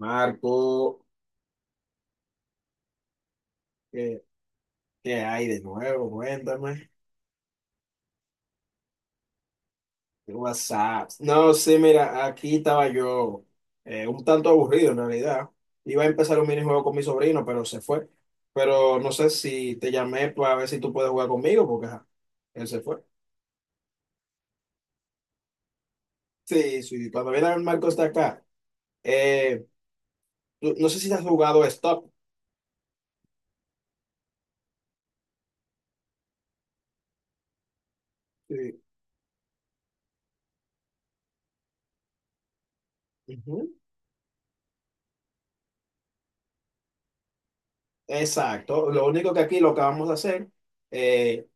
Marco, ¿qué, ¿qué hay de nuevo? Cuéntame. ¿Qué WhatsApp? No, sí, mira, aquí estaba yo un tanto aburrido en realidad. Iba a empezar un minijuego con mi sobrino, pero se fue. Pero no sé si te llamé para ver si tú puedes jugar conmigo, porque ajá, él se fue. Sí, sí, cuando viene a Marco está acá. Eh, no sé si has jugado Stop. Sí. Ujú. Exacto. Lo único que aquí lo que vamos a hacer, eh,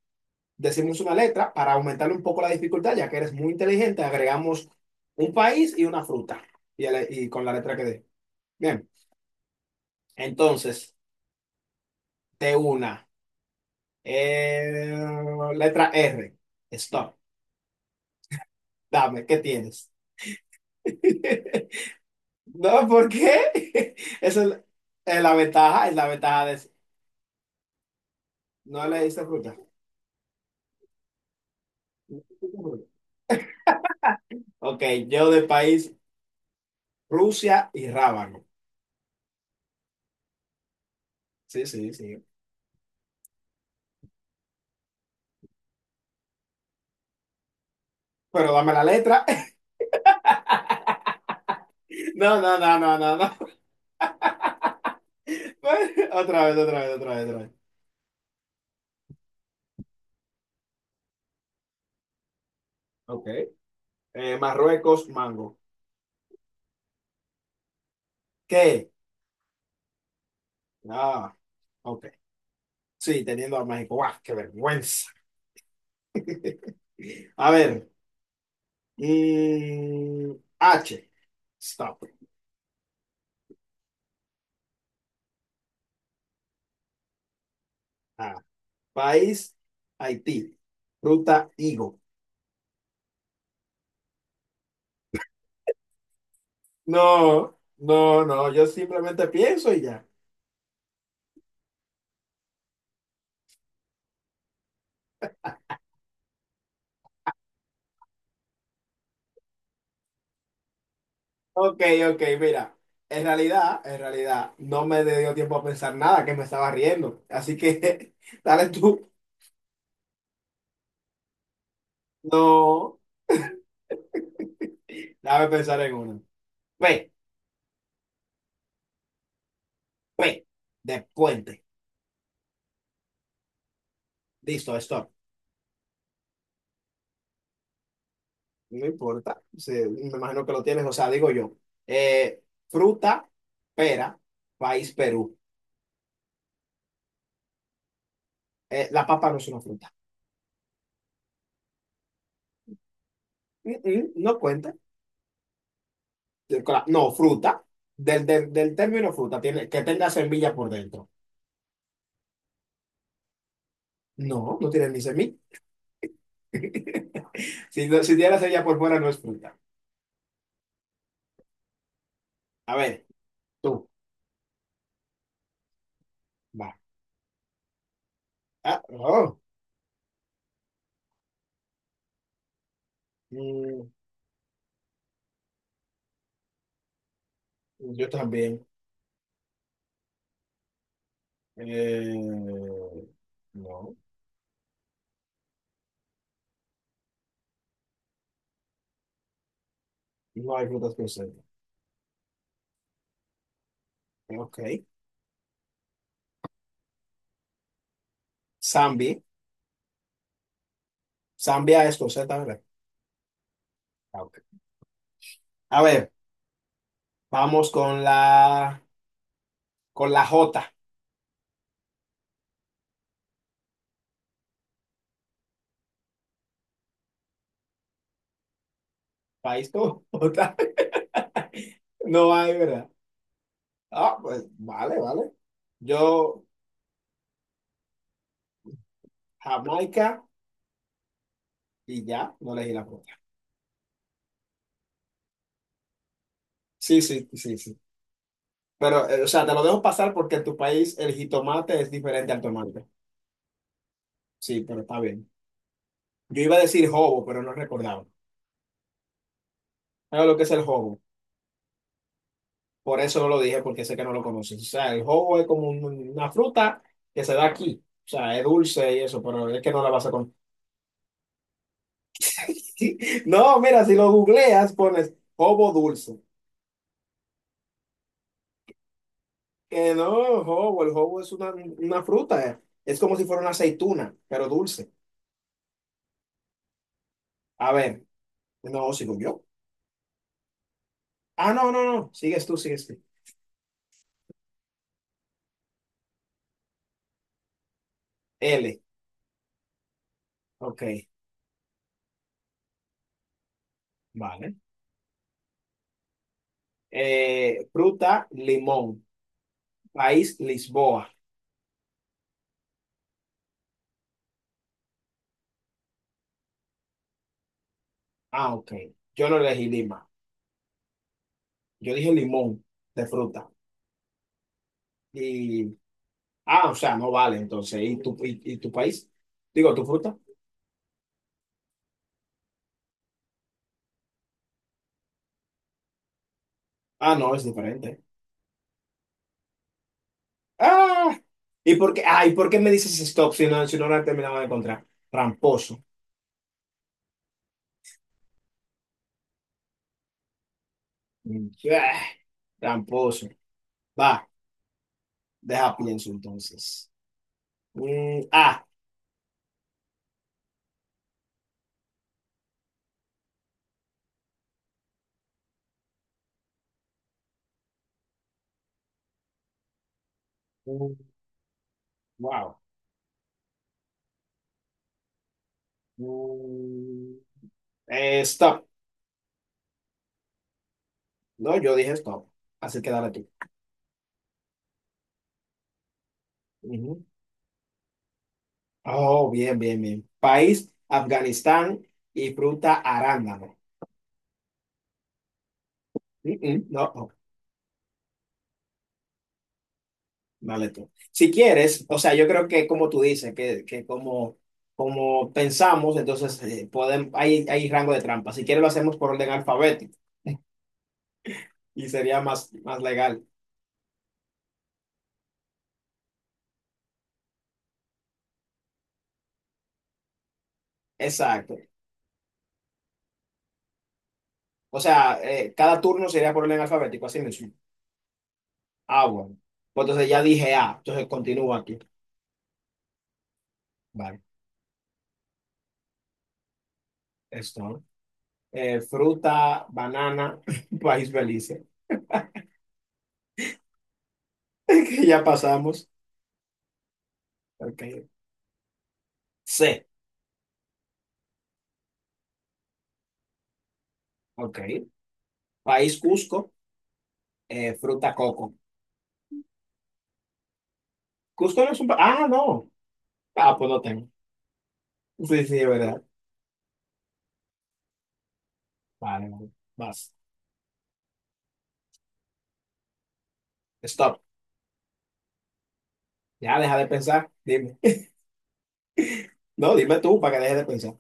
decimos una letra. Para aumentarle un poco la dificultad, ya que eres muy inteligente, agregamos un país y una fruta. Y y con la letra que dé. Bien, entonces, de una. Eh, letra R. Stop. Dame, ¿qué tienes? No, ¿por qué? Esa es la ventaja de... No le diste fruta. Ok, yo de país Rusia y rábano. Sí, sí, sí. Pero dame la letra. No, no, no, no, no, no. Otra vez, otra vez, otra vez, otra vez. Ok. Marruecos, mango. ¿Qué? Ah, ok. Sí, teniendo a México. ¡Guau, qué vergüenza! A ver. mm, H. Stop. Ah, país, Haití. Ruta, higo. No, no, no. Yo simplemente pienso y ya. Ok, ok, mira. En realidad, no me dio tiempo a pensar nada, que me estaba riendo. Así que, dale tú. No. Déjame pensar en uno. P, P, de puente. Listo, stop. No importa. Sí, me imagino que lo tienes, o sea, digo yo. Eh, fruta, pera, país Perú. La papa no es una fruta. Mm, mm, no cuenta. No, fruta. Del término fruta, tiene, que tenga semilla por dentro. No, no tiene ni semilla. Si, si tiene semilla por fuera, no es fruta. A ver, tú, va. Ah, oh. Mm, yo también. Eh, no, no hay frutas con Z. Ok. Zambia. Zambia es con Z, ¿verdad? Ah, ok. A ver, vamos con la J. País con J. No hay, ¿verdad? Ah, pues vale, vale. Yo, Jamaica, y ya, no elegí la fruta. Sí, sí, sí, sí. Pero, o sea, te lo dejo pasar porque en tu país el jitomate es diferente al tomate. Sí, pero está bien. Yo iba a decir hobo, pero no recordaba. ¿Sabes lo que es el hobo? Por eso no lo dije, porque sé que no lo conoces. O sea, el jogo es como una fruta que se da aquí. O sea, es dulce y eso, pero es que no la vas a conocer. No, mira, si lo googleas, pones jobo dulce. Que no, jobo, el jobo es una fruta. Es como si fuera una aceituna, pero dulce. A ver, no, sigo yo. Ah, no, no, no, sigues tú, sigues tú. L, ok, vale. Fruta, limón. País, Lisboa. Ah, ok. Yo no elegí Lima. Yo dije limón de fruta. Y, ah, o sea, no vale, entonces. ¿Y tu país? Digo, ¿tu fruta? Ah, no, es diferente. Ah, ah, ¿y por qué me dices stop si no, si no la he de encontrar? Tramposo. Mm, ah, tramposo. Va, deja pienso entonces. Mm, ah, mm, wow. Mm, stop. No, yo dije stop. Así que dale tú. Ujú. Oh, bien, bien, bien. País, Afganistán y fruta arándano. Mm, mm, no. Dale tú. Si quieres, o sea, yo creo que como tú dices, que como, como pensamos, entonces hay, hay rango de trampa. Si quieres lo hacemos por orden alfabético y sería más, más legal. Exacto. O sea, cada turno sería por orden alfabético, así mismo. Ah, bueno. Pues entonces ya dije A, entonces continúo aquí. Vale, esto. ¿No? Fruta, banana, país Belice. Que ya pasamos. Ok. C, ok. País Cusco, fruta coco. ¿Cusco no es un... país? Ah, no. Ah, pues no tengo. Sí, sí, es verdad. Vale, vale. Vas. Stop. Ya, deja de pensar. Dime. No, dime tú para que dejes de pensar.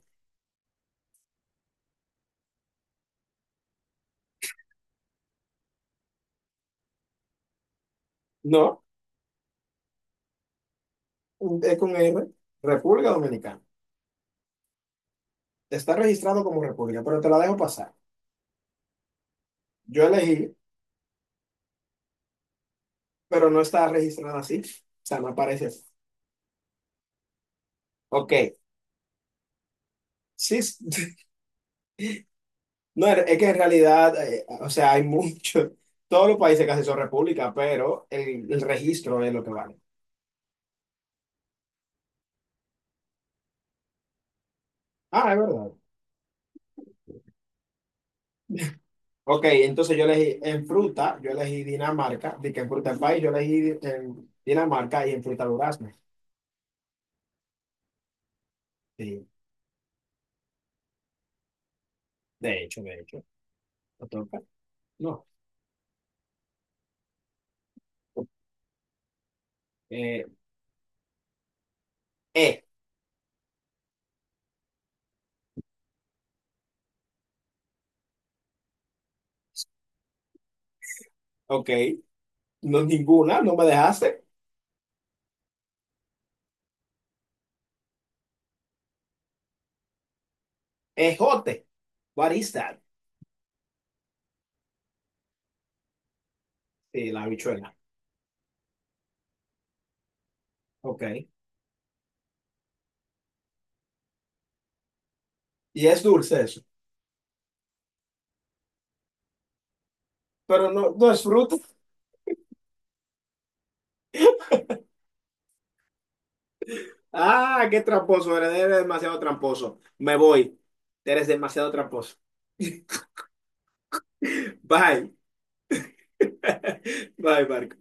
No, es con R. República Dominicana. Está registrado como República, pero te la dejo pasar. Yo elegí, pero no está registrada así. O sea, no aparece así. Ok. Sí, es- no, es que en realidad, o sea, hay mucho. Todos los países casi son república, pero el registro es lo que vale. Ah, es verdad. Ok, entonces yo elegí en fruta, yo elegí Dinamarca. De que en fruta del país, yo elegí en Dinamarca y en fruta durazno. Sí, de hecho, ¿no toca? No. Eh, eh, ok, no ninguna, no me dejaste. Ejote, what is that? Sí, la habichuela, ok. Y es dulce eso, pero no, no es fruta. Ah, qué tramposo, eres, eres demasiado tramposo. Me voy, eres demasiado tramposo. Bye, bye, Marco.